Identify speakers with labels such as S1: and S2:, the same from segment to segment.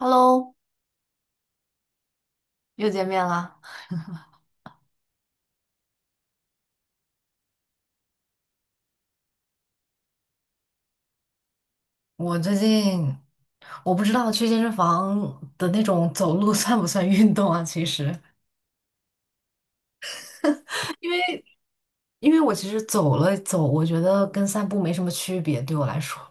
S1: Hello，又见面啦。我最近我不知道去健身房的那种走路 算不算运动啊？其实，因为因为我其实走了走，我觉得跟散步没什么区别，对我来说。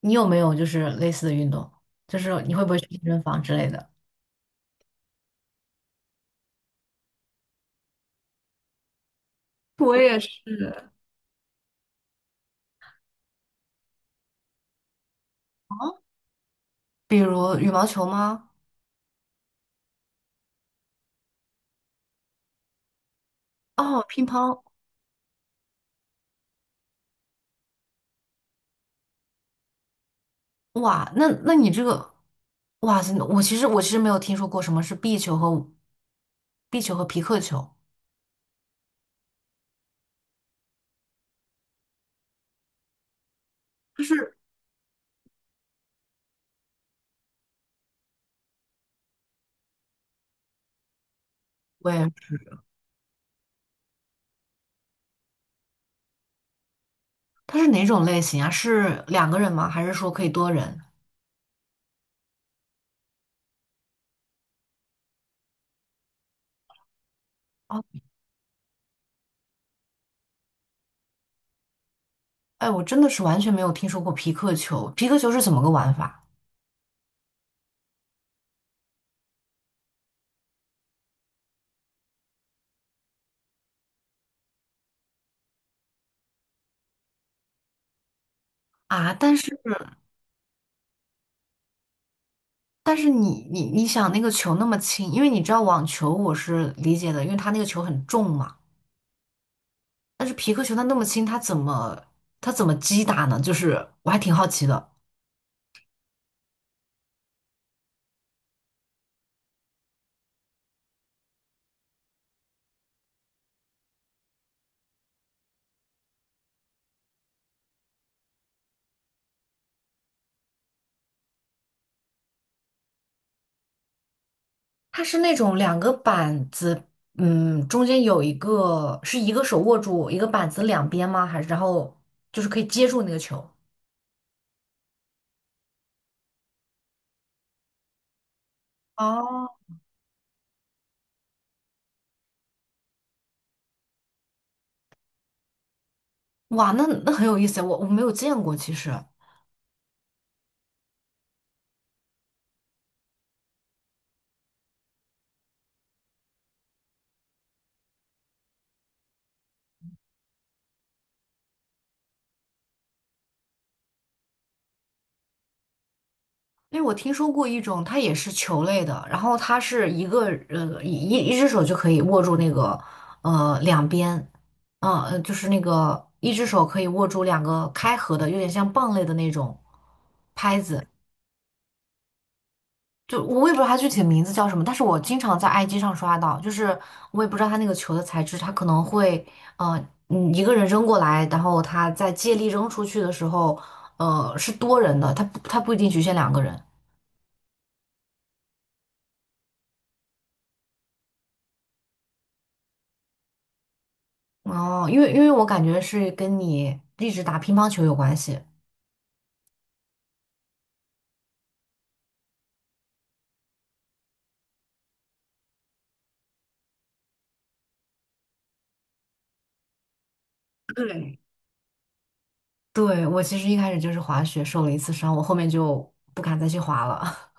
S1: 你有没有就是类似的运动？就是你会不会去健身房之类的？我也是。比如羽毛球吗？哦，乒乓。哇，那你这个，哇塞，我其实没有听说过什么是壁球和皮克球。就是对它是哪种类型啊？是两个人吗？还是说可以多人？哦，哎，我真的是完全没有听说过皮克球。皮克球是怎么个玩法啊？但是你想那个球那么轻，因为你知道网球我是理解的，因为它那个球很重嘛。但是皮克球它那么轻，它怎么击打呢？就是我还挺好奇的。它是那种两个板子，嗯，中间有一个是一个手握住一个板子两边吗？还是然后就是可以接住那个球？哦哇，那那很有意思，我没有见过，其实，因为我听说过一种，它也是球类的，然后它是一个呃一只手就可以握住那个呃两边，嗯、呃，就是那个一只手可以握住两个开合的，有点像棒类的那种拍子，就我也不知道它具体的名字叫什么，但是我经常在 IG 上刷到，就是我也不知道它那个球的材质，它可能会，呃，嗯，一个人扔过来，然后他在借力扔出去的时候，呃，是多人的，他不，它不一定局限两个人。哦，因为我感觉是跟你一直打乒乓球有关系。对，对，我其实一开始就是滑雪受了一次伤，我后面就不敢再去滑了。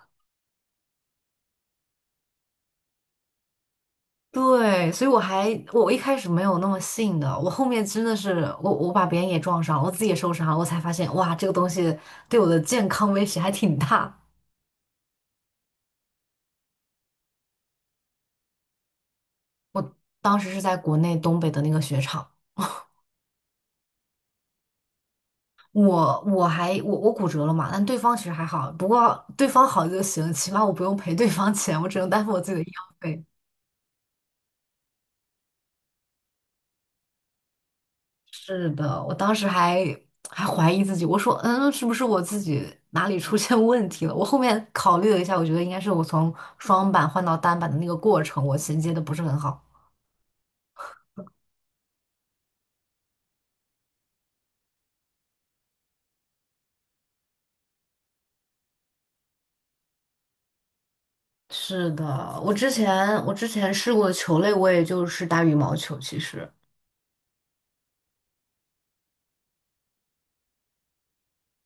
S1: 对，所以我一开始没有那么信的，我后面真的是我把别人也撞上了我自己也受伤了，我才发现哇，这个东西对我的健康威胁还挺大。我当时是在国内东北的那个雪场，我还骨折了嘛，但对方其实还好，不过对方好就行，起码我不用赔对方钱，我只能担负我自己的医药费。是的，我当时还怀疑自己，我说，嗯，是不是我自己哪里出现问题了？我后面考虑了一下，我觉得应该是我从双板换到单板的那个过程，我衔接的不是很好。是的，我之前试过的球类，我也就是打羽毛球。其实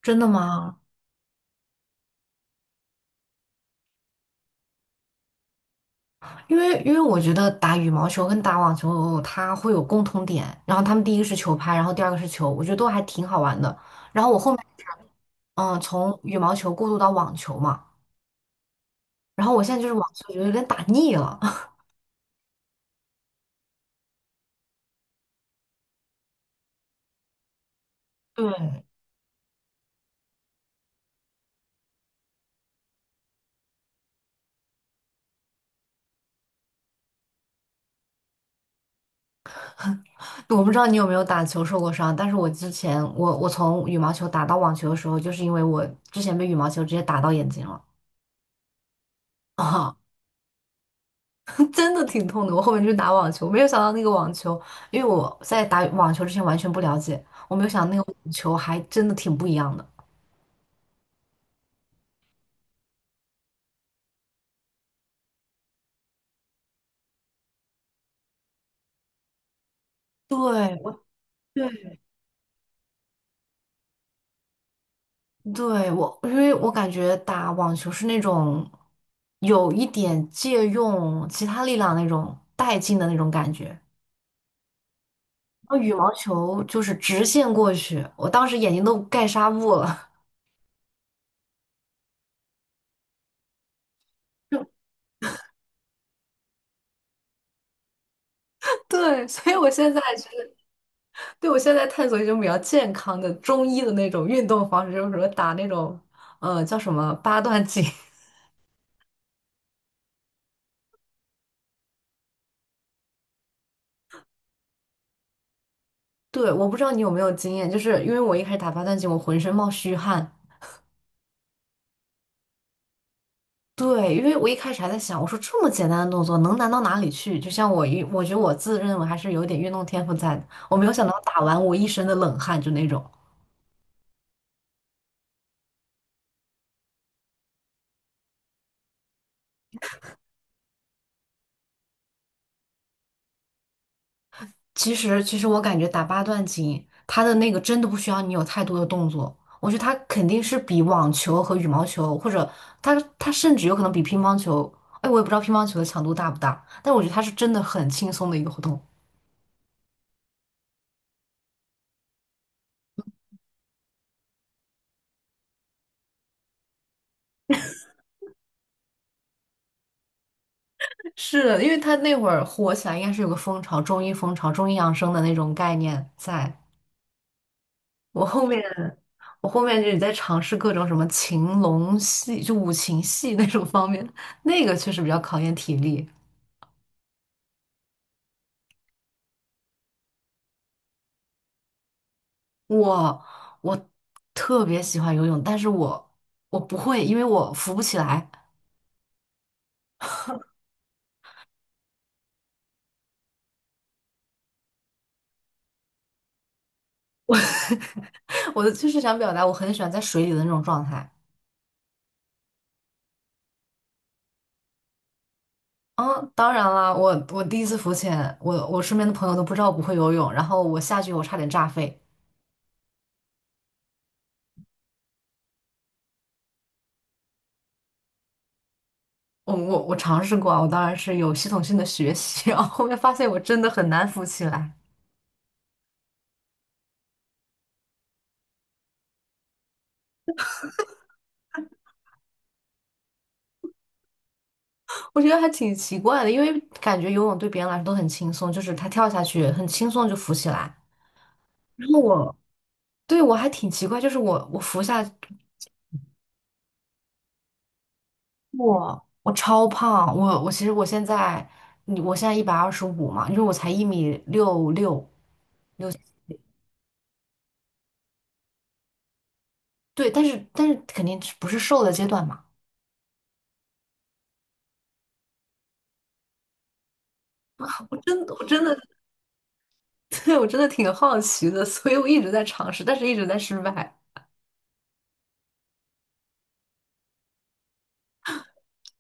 S1: 真的吗？因为我觉得打羽毛球跟打网球它会有共同点，然后他们第一个是球拍，然后第二个是球，我觉得都还挺好玩的。然后我后面是嗯，从羽毛球过渡到网球嘛。然后我现在就是网球觉得有点打腻了。对，我不知道你有没有打球受过伤，但是我之前我从羽毛球打到网球的时候，就是因为我之前被羽毛球直接打到眼睛了啊，真的挺痛的。我后面去打网球，没有想到那个网球，因为我在打网球之前完全不了解，我没有想到那个网球还真的挺不一样的。对，我对对我，因为我感觉打网球是那种有一点借用其他力量那种带劲的那种感觉。然后羽毛球就是直线过去，我当时眼睛都盖纱布了。对，所以我现在是，对，我现在探索一种比较健康的中医的那种运动方式，就是什么打那种，呃，叫什么八段锦。对，我不知道你有没有经验，就是因为我一开始打八段锦，我浑身冒虚汗。对，因为我一开始还在想，我说这么简单的动作能难到哪里去？就像我觉得我自认为还是有点运动天赋在的，我没有想到打完我一身的冷汗，就那种。其实，其实我感觉打八段锦，它的那个真的不需要你有太多的动作。我觉得它肯定是比网球和羽毛球，或者它甚至有可能比乒乓球。哎，我也不知道乒乓球的强度大不大，但我觉得它是真的很轻松的一个活动。是的因为它那会儿火起来，应该是有个风潮，中医风潮、中医养生的那种概念在。我后面，我后面就是在尝试各种什么擒龙戏，就五禽戏那种方面，那个确实比较考验体力。我我特别喜欢游泳，但是我不会，因为我浮不起来。我 我的就是想表达，我很喜欢在水里的那种状态。嗯，当然啦，我第一次浮潜，我身边的朋友都不知道我不会游泳，然后我下去我差点炸飞。我尝试过啊我当然是有系统性的学习，然后后面发现我真的很难浮起来。我觉得还挺奇怪的，因为感觉游泳对别人来说都很轻松，就是他跳下去很轻松就浮起来。然后我对我还挺奇怪，就是我服下我超胖，我其实我现在我现在125嘛，因为我才1米66六，对，但是肯定是不是瘦的阶段嘛，我真的 对我真的挺好奇的，所以我一直在尝试，但是一直在失败，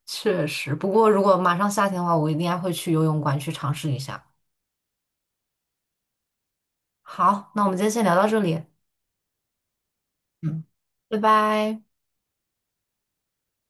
S1: 确实。不过如果马上夏天的话，我应该会去游泳馆去尝试一下。好，那我们今天先聊到这里，嗯，拜拜。